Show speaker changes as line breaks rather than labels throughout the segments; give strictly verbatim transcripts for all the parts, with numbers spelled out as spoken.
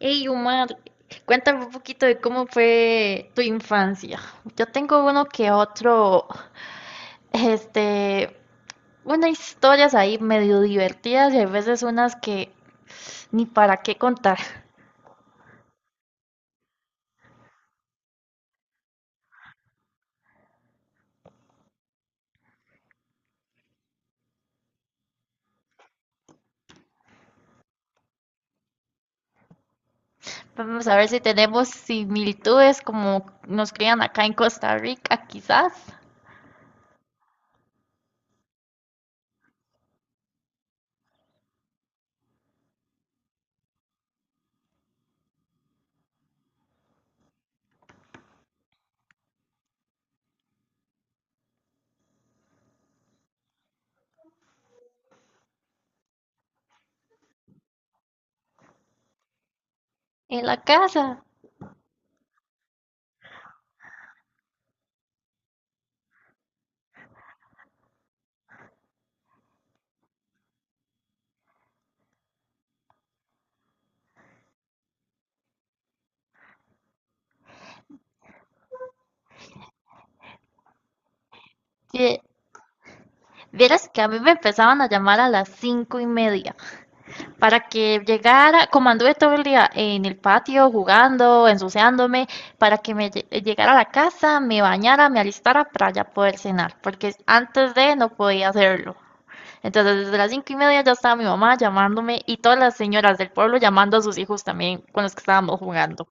Hey, Omar, cuéntame un poquito de cómo fue tu infancia. Yo tengo uno que otro, este, unas historias ahí medio divertidas y a veces unas que ni para qué contar. Vamos a ver si tenemos similitudes como nos crían acá en Costa Rica, quizás, en la casa. Sí, vieras que a mí me empezaban a llamar a las cinco y media, para que llegara. Como anduve todo el día en el patio jugando, ensuciándome, para que me lle- llegara a la casa, me bañara, me alistara para ya poder cenar, porque antes de no podía hacerlo. Entonces, desde las cinco y media ya estaba mi mamá llamándome y todas las señoras del pueblo llamando a sus hijos también con los que estábamos jugando.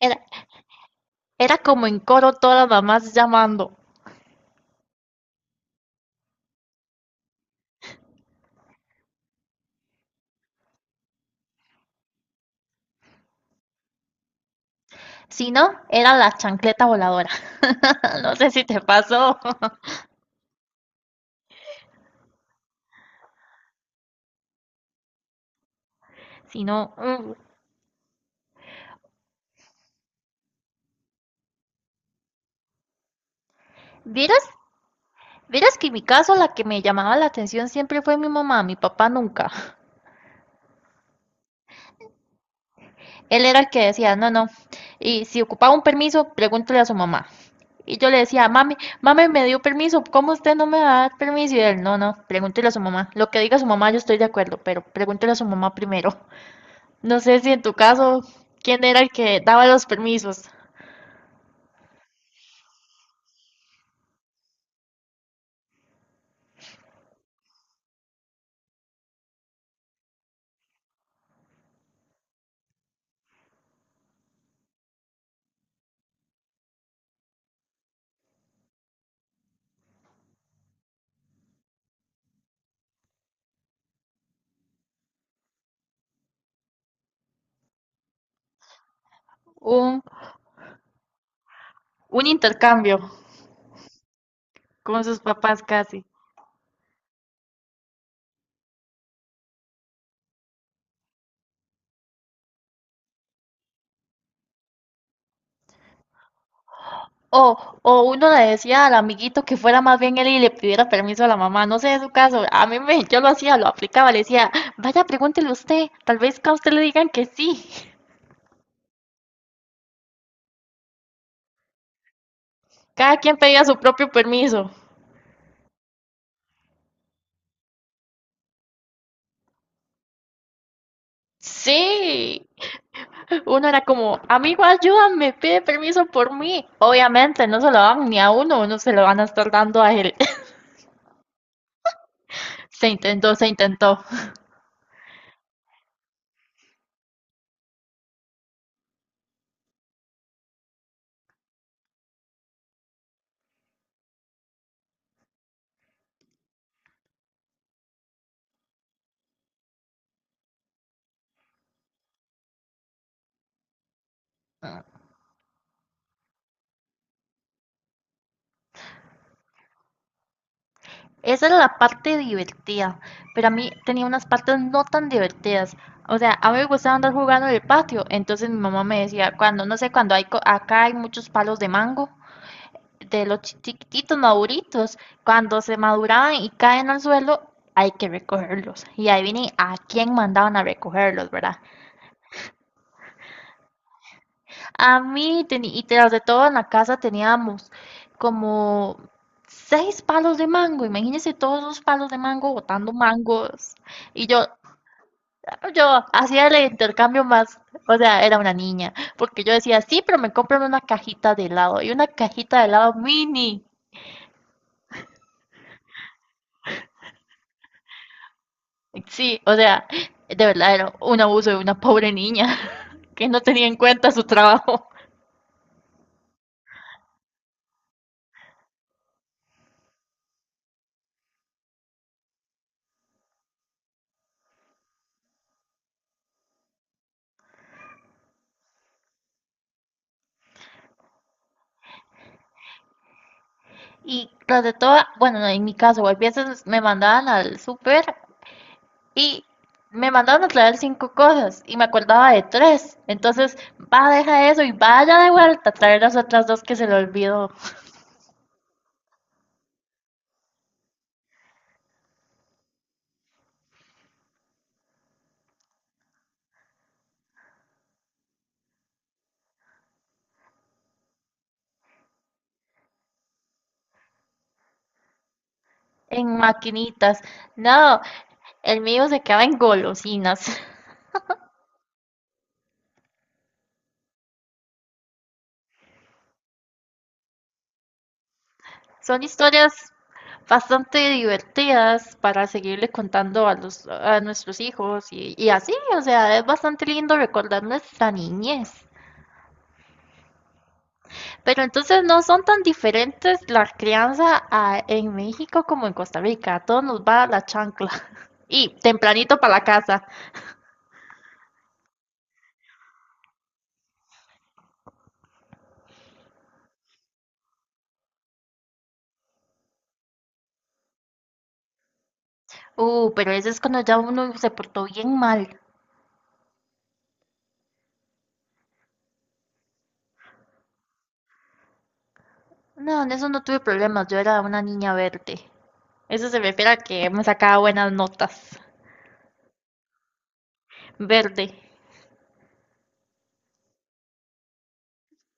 Era, era como en coro todas las mamás llamando. Si no, era la chancleta voladora. No sé si te pasó. Si no, mm. vieras Verás que en mi caso la que me llamaba la atención siempre fue mi mamá, mi papá nunca. Él era el que decía, no, no. Y si ocupaba un permiso, pregúntele a su mamá. Y yo le decía, mami, mami me dio permiso, ¿cómo usted no me va a dar permiso? Y él, no, no, pregúntele a su mamá. Lo que diga su mamá yo estoy de acuerdo, pero pregúntele a su mamá primero. No sé si en tu caso, ¿quién era el que daba los permisos? Un, un intercambio con sus papás casi. O, o uno le decía al amiguito que fuera más bien él y le pidiera permiso a la mamá. No sé de su caso, a mí me, yo lo hacía, lo aplicaba, le decía, vaya, pregúntele usted, tal vez que a usted le digan que sí. Cada quien pedía su propio permiso. Sí, uno era como, amigo, ayúdame, pide permiso por mí. Obviamente no se lo dan ni a uno, uno se lo van a estar dando a él. Se intentó, se intentó. Esa era la parte divertida, pero a mí tenía unas partes no tan divertidas. O sea, a mí me gustaba andar jugando en el patio. Entonces mi mamá me decía, cuando, no sé, cuando hay, co- acá hay muchos palos de mango, de los chi- chiquititos maduritos, cuando se maduraban y caen al suelo, hay que recogerlos. Y ahí viene a quién mandaban a recogerlos, ¿verdad? A mí, teni- y tras de todo en la casa teníamos como seis palos de mango. Imagínense todos los palos de mango botando mangos. Y yo, Yo hacía el intercambio más, o sea, era una niña, porque yo decía, sí, pero me compran una cajita de helado y una cajita de helado mini. Sí, o sea, de verdad era un abuso de una pobre niña que no tenía en cuenta su trabajo. Y tras de todo, bueno, no, en mi caso, a veces me mandaban al súper y me mandaban a traer cinco cosas y me acordaba de tres. Entonces, va, deja eso y vaya de vuelta a traer las otras dos que se le olvidó en maquinitas. No, el mío se queda en golosinas. Son historias bastante divertidas para seguirle contando a los, a nuestros hijos y, y así, o sea, es bastante lindo recordar nuestra niñez. Pero entonces no son tan diferentes la crianza a- en México como en Costa Rica. A todos nos va la chancla. Y tempranito para la casa. Uh, pero ese es cuando ya uno se portó bien mal. No, en eso no tuve problemas. Yo era una niña verde. Eso se refiere a que me sacaba buenas notas. Verde.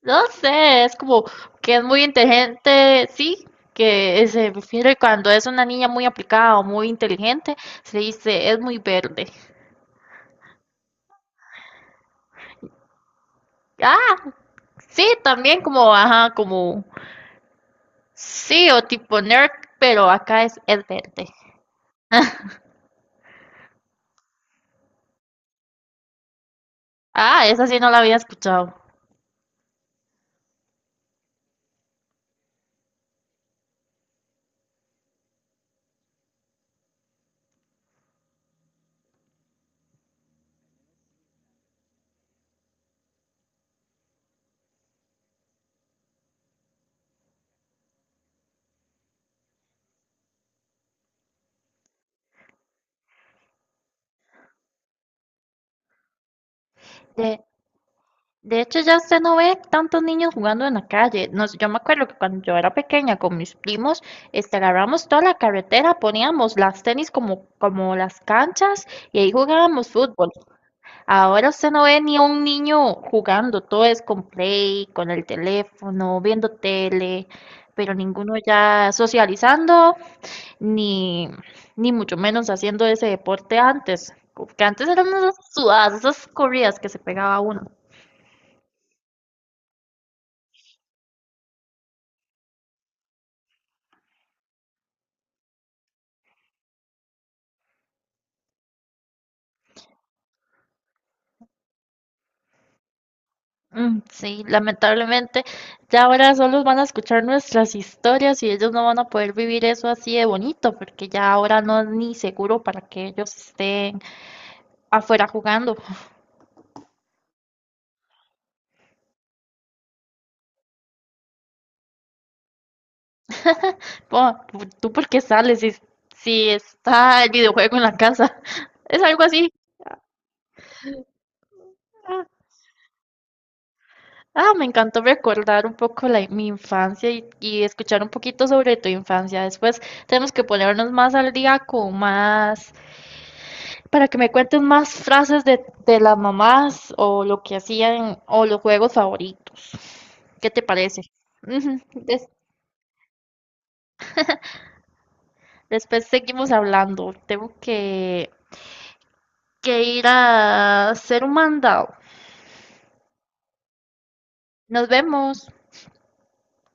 No sé, es como que es muy inteligente, sí, que se refiere cuando es una niña muy aplicada o muy inteligente, se dice es muy verde. Ah, sí, también como, ajá, como, sí, o tipo nerd, pero acá es, es verde. Ah, esa sí no la había escuchado. Eh, De hecho, ya usted no ve tantos niños jugando en la calle. Nos- yo me acuerdo que cuando yo era pequeña con mis primos, este, agarramos toda la carretera, poníamos las tenis como, como las canchas y ahí jugábamos fútbol. Ahora usted no ve ni a un niño jugando, todo es con play, con el teléfono, viendo tele, pero ninguno ya socializando, ni, ni mucho menos haciendo ese deporte antes, que antes eran esas sudadas, esas corridas que se pegaba uno. Mm, sí, lamentablemente ya ahora solo van a escuchar nuestras historias y ellos no van a poder vivir eso así de bonito, porque ya ahora no es ni seguro para que ellos estén afuera jugando. Po, ¿tú tú por qué sales si, si está el videojuego en la casa? Es algo así. Ah, ah, me encantó recordar un poco la, mi infancia y, y escuchar un poquito sobre tu infancia. Después tenemos que ponernos más al día con más para que me cuentes más frases de, de las mamás o lo que hacían o los juegos favoritos. ¿Qué te parece? Ujú, des- después seguimos hablando. Tengo que, que ir a hacer un mandado. Nos vemos.